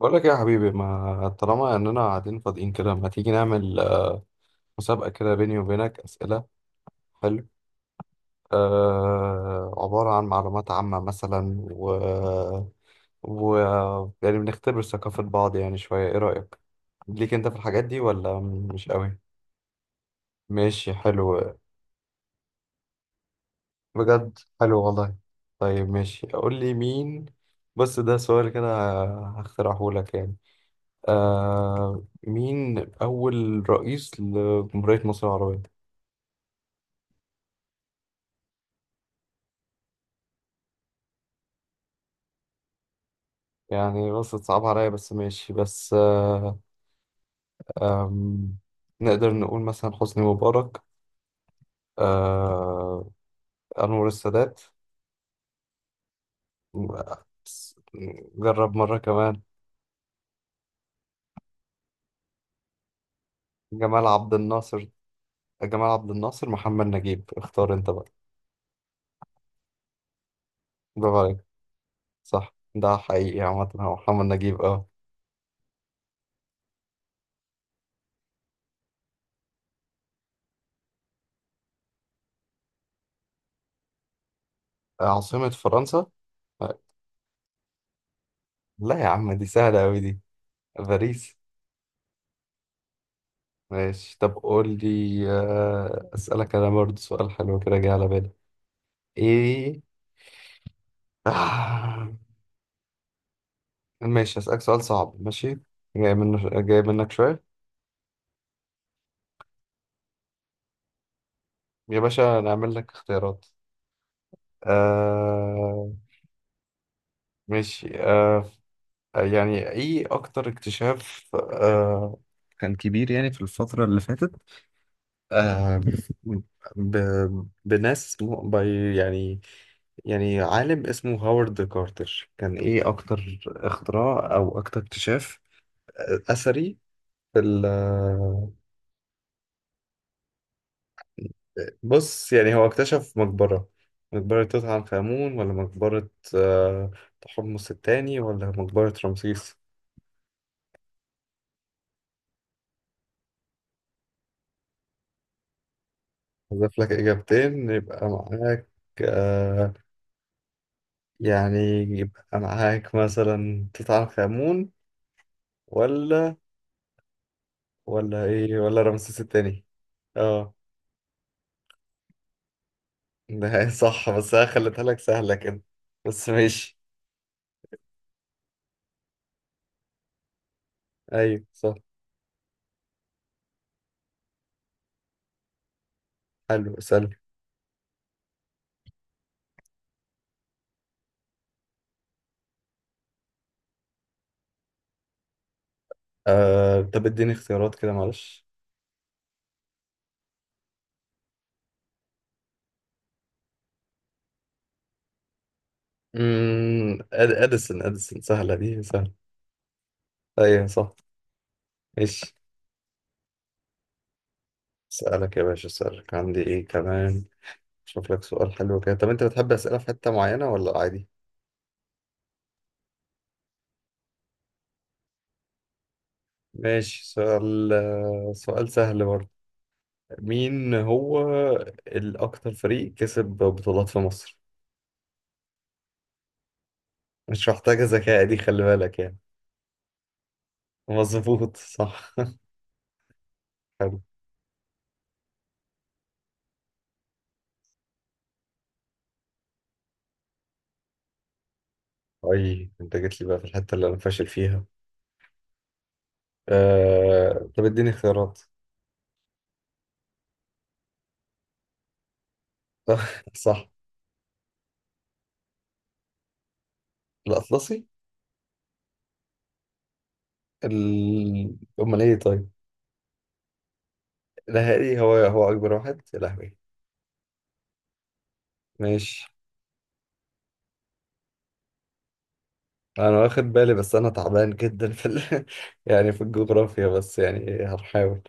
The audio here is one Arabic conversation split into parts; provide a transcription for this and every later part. بقول لك إيه يا حبيبي؟ ما طالما اننا قاعدين فاضيين كده، ما تيجي نعمل مسابقة كده بيني وبينك أسئلة؟ حلو. عبارة عن معلومات عامة مثلا و يعني بنختبر ثقافة بعض، يعني شوية. ايه رأيك ليك انت في الحاجات دي ولا مش قوي؟ ماشي حلو. بجد حلو والله. طيب ماشي، قول لي مين. بص، ده سؤال كده هخترعه لك يعني. مين أول رئيس لجمهورية مصر العربية؟ يعني بص، صعب عليا، بس ماشي، بس آم، نقدر نقول مثلا حسني مبارك. آه أنور السادات. بس- جرب مرة كمان. جمال عبد الناصر. جمال عبد الناصر، محمد نجيب، اختار انت بقى. برافو عليك. صح، ده حقيقي عامة، هو محمد نجيب، اه. عاصمة فرنسا؟ آه، لا يا عم، دي سهلة أوي دي. باريس. ماشي، طب قول لي، أسألك أنا برضه سؤال حلو كده جه على بالي. ايه؟ آه. ماشي، هسألك سؤال صعب، ماشي. جاي منه، جاي منك شوية. يا باشا نعمل لك اختيارات. آه ماشي. يعني، ايه اكتر اكتشاف كان كبير يعني في الفترة اللي فاتت؟ آه ب... بناس م... ب... يعني، يعني عالم اسمه هاورد كارتر، كان ايه اكتر اختراع او اكتر اكتشاف اثري في ال بص يعني هو اكتشف مقبرة. مقبرة توت عنخ آمون، ولا مقبرة تحمس التاني، ولا مقبرة رمسيس؟ أضيف لك إجابتين يبقى معاك. آه، يعني يبقى معاك مثلا توت عنخ آمون ولا ولا إيه، ولا رمسيس التاني. اه. ده هي صح، بس أنا خليتها لك سهلة كده، بس ماشي. أيوه صح. حلو، اسأل. طب اديني اختيارات كده معلش. اديسون، سهله، دي سهله. ايوه صح. ماشي. اسالك يا باشا، اسالك، عندي ايه كمان. اشوف لك سؤال حلو كده. طب انت بتحب اسئله في حته معينه ولا عادي؟ ماشي. سؤال سهل برضه. مين هو الاكتر فريق كسب بطولات في مصر؟ مش محتاجه ذكاء دي، خلي بالك يعني. مظبوط صح. حلو. اي، انت جيت لي بقى في الحته اللي انا فاشل فيها. طب اديني اختيارات. صح. الاطلسي. امال ايه طيب؟ الاهلي هو اكبر واحد، يا لهوي. ماشي. انا واخد بالي، بس انا تعبان جدا يعني في الجغرافيا، بس يعني هنحاول.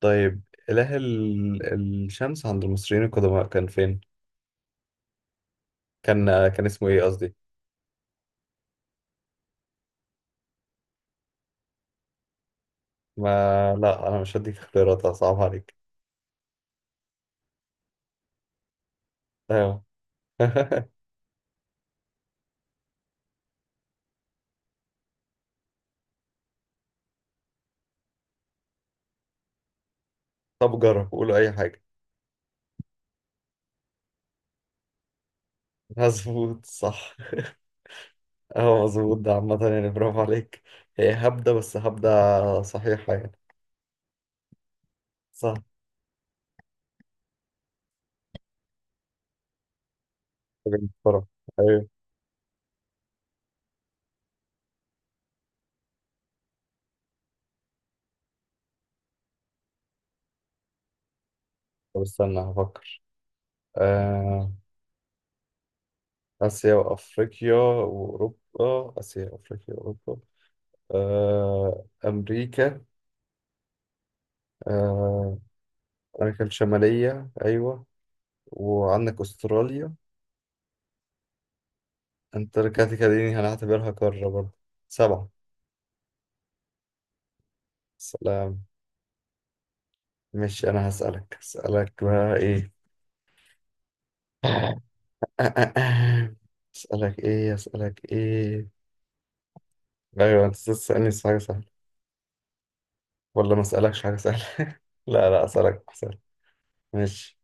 طيب. اله الشمس عند المصريين القدماء كان فين؟ كان اسمه ايه قصدي. ما لا انا مش هديك اختيارات، صعب عليك. ايوه. طب جرب قولوا اي حاجه. مظبوط صح. اه مظبوط، ده عامة يعني، برافو عليك. هي هبدة، بس هبدة صحيحة يعني. صح. حاجة. بسرعة. أيوة. طب استنى هفكر. آه... آسيا وأفريقيا وأوروبا، آسيا وأفريقيا وأوروبا. أمريكا. آه... أمريكا الشمالية، أيوة. وعندك أستراليا. أنت كده، دي هنعتبرها قارة برضه. سبعة. سلام. ماشي، أنا هسألك بقى إيه؟ آه، آه، آه. أسألك إيه، أسألك إيه؟ أيوة، أنت تسألني حاجة سهلة ولا ما أسألكش حاجة سهلة؟ لا، لا، أسألك. ماشي.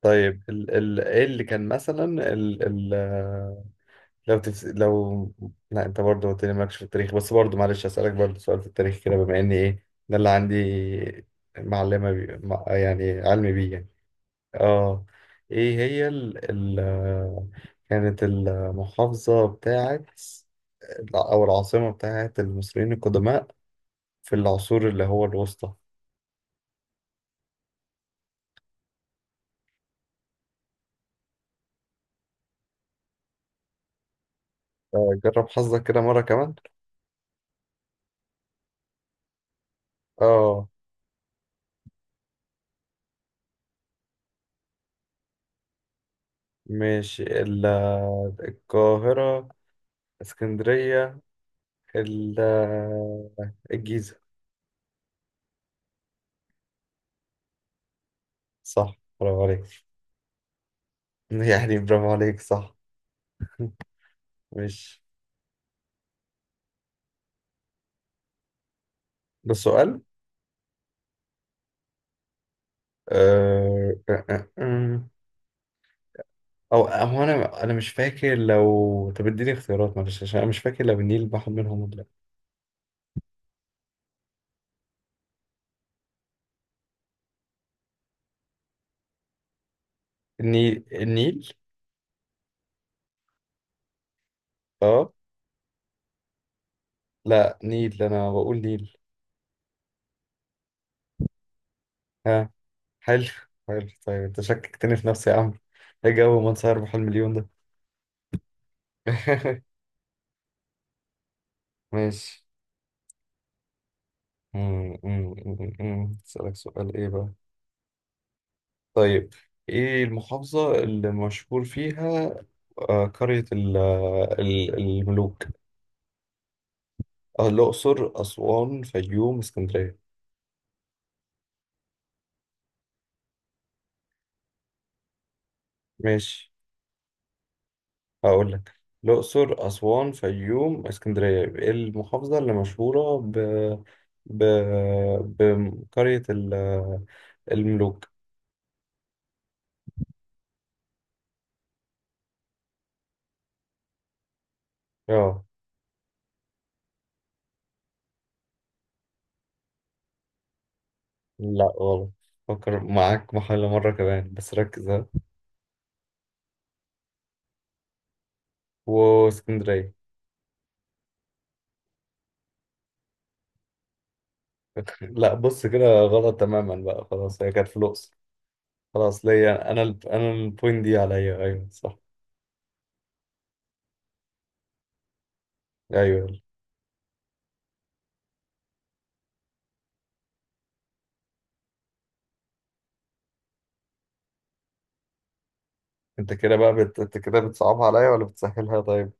طيب ال ايه اللي كان مثلا؟ ال لو لا انت برضه قلت لي مالكش في التاريخ، بس برضه معلش اسالك برضه سؤال في التاريخ كده، بما اني ايه ده اللي عندي معلمه يعني علم بيه يعني. اه. ايه هي ال كانت المحافظه بتاعت او العاصمه بتاعت المصريين القدماء في العصور اللي هو الوسطى؟ جرب حظك كده مره كمان. اه. ماشي. القاهرة، اسكندرية، ال- الجيزة. صح، برافو عليك. يعني برافو عليك، صح. ماشي. ده سؤال. أه... أه... أه... أه. أو هو، أنا مش فاكر، لو طب اديني اختيارات معلش عشان أنا مش فاكر لو النيل بحر منهم ولا لأ. النيل، النيل. أه. لا، نيل، أنا بقول نيل. ها. حلو. حلو، طيب أنت شككتني في نفسي يا عم. إيه جو من سهر بحلم مليون ده. ماشي. أسألك سؤال إيه بقى؟ طيب، إيه المحافظة اللي مشهور فيها قرية الملوك؟ الأقصر، أسوان، فيوم، اسكندرية. ماشي، هقول لك الأقصر، أسوان، فيوم، اسكندرية. إيه المحافظة اللي مشهورة ب... بقرية الملوك؟ آه لا غلط. فكر معاك محل مرة كمان، بس ركز، ها. واسكندرية. لا بص، كده غلط تماما بقى، خلاص. هي كانت في الأقصر. خلاص ليا أنا البوينت دي عليا، أيوه صح. أيوه يلا. أنت كده بتصعبها عليا ولا بتسهلها طيب؟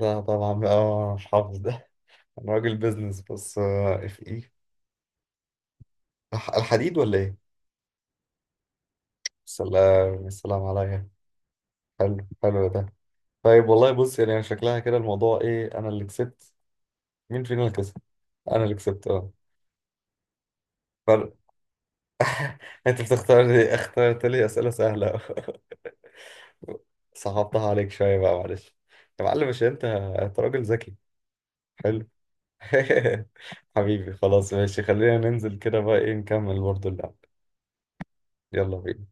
لا طبعا بقى أنا مش حافظ ده. أنا راجل بيزنس، بس اف إيه؟ الحديد ولا إيه؟ سلام، السلام عليا. حلو. حلو ده. طيب والله بص، يعني شكلها كده الموضوع إيه، أنا اللي كسبت. مين فينا اللي كسب؟ أنا اللي كسبت، أه. فرق. أنت بتختار لي، اخترت لي أسئلة سهلة. صعبتها عليك شوية بقى، معلش. يا معلم، مش انت راجل ذكي. حلو. حبيبي خلاص، ماشي، خلينا ننزل كده بقى ايه، نكمل برضه اللعب. يلا بينا.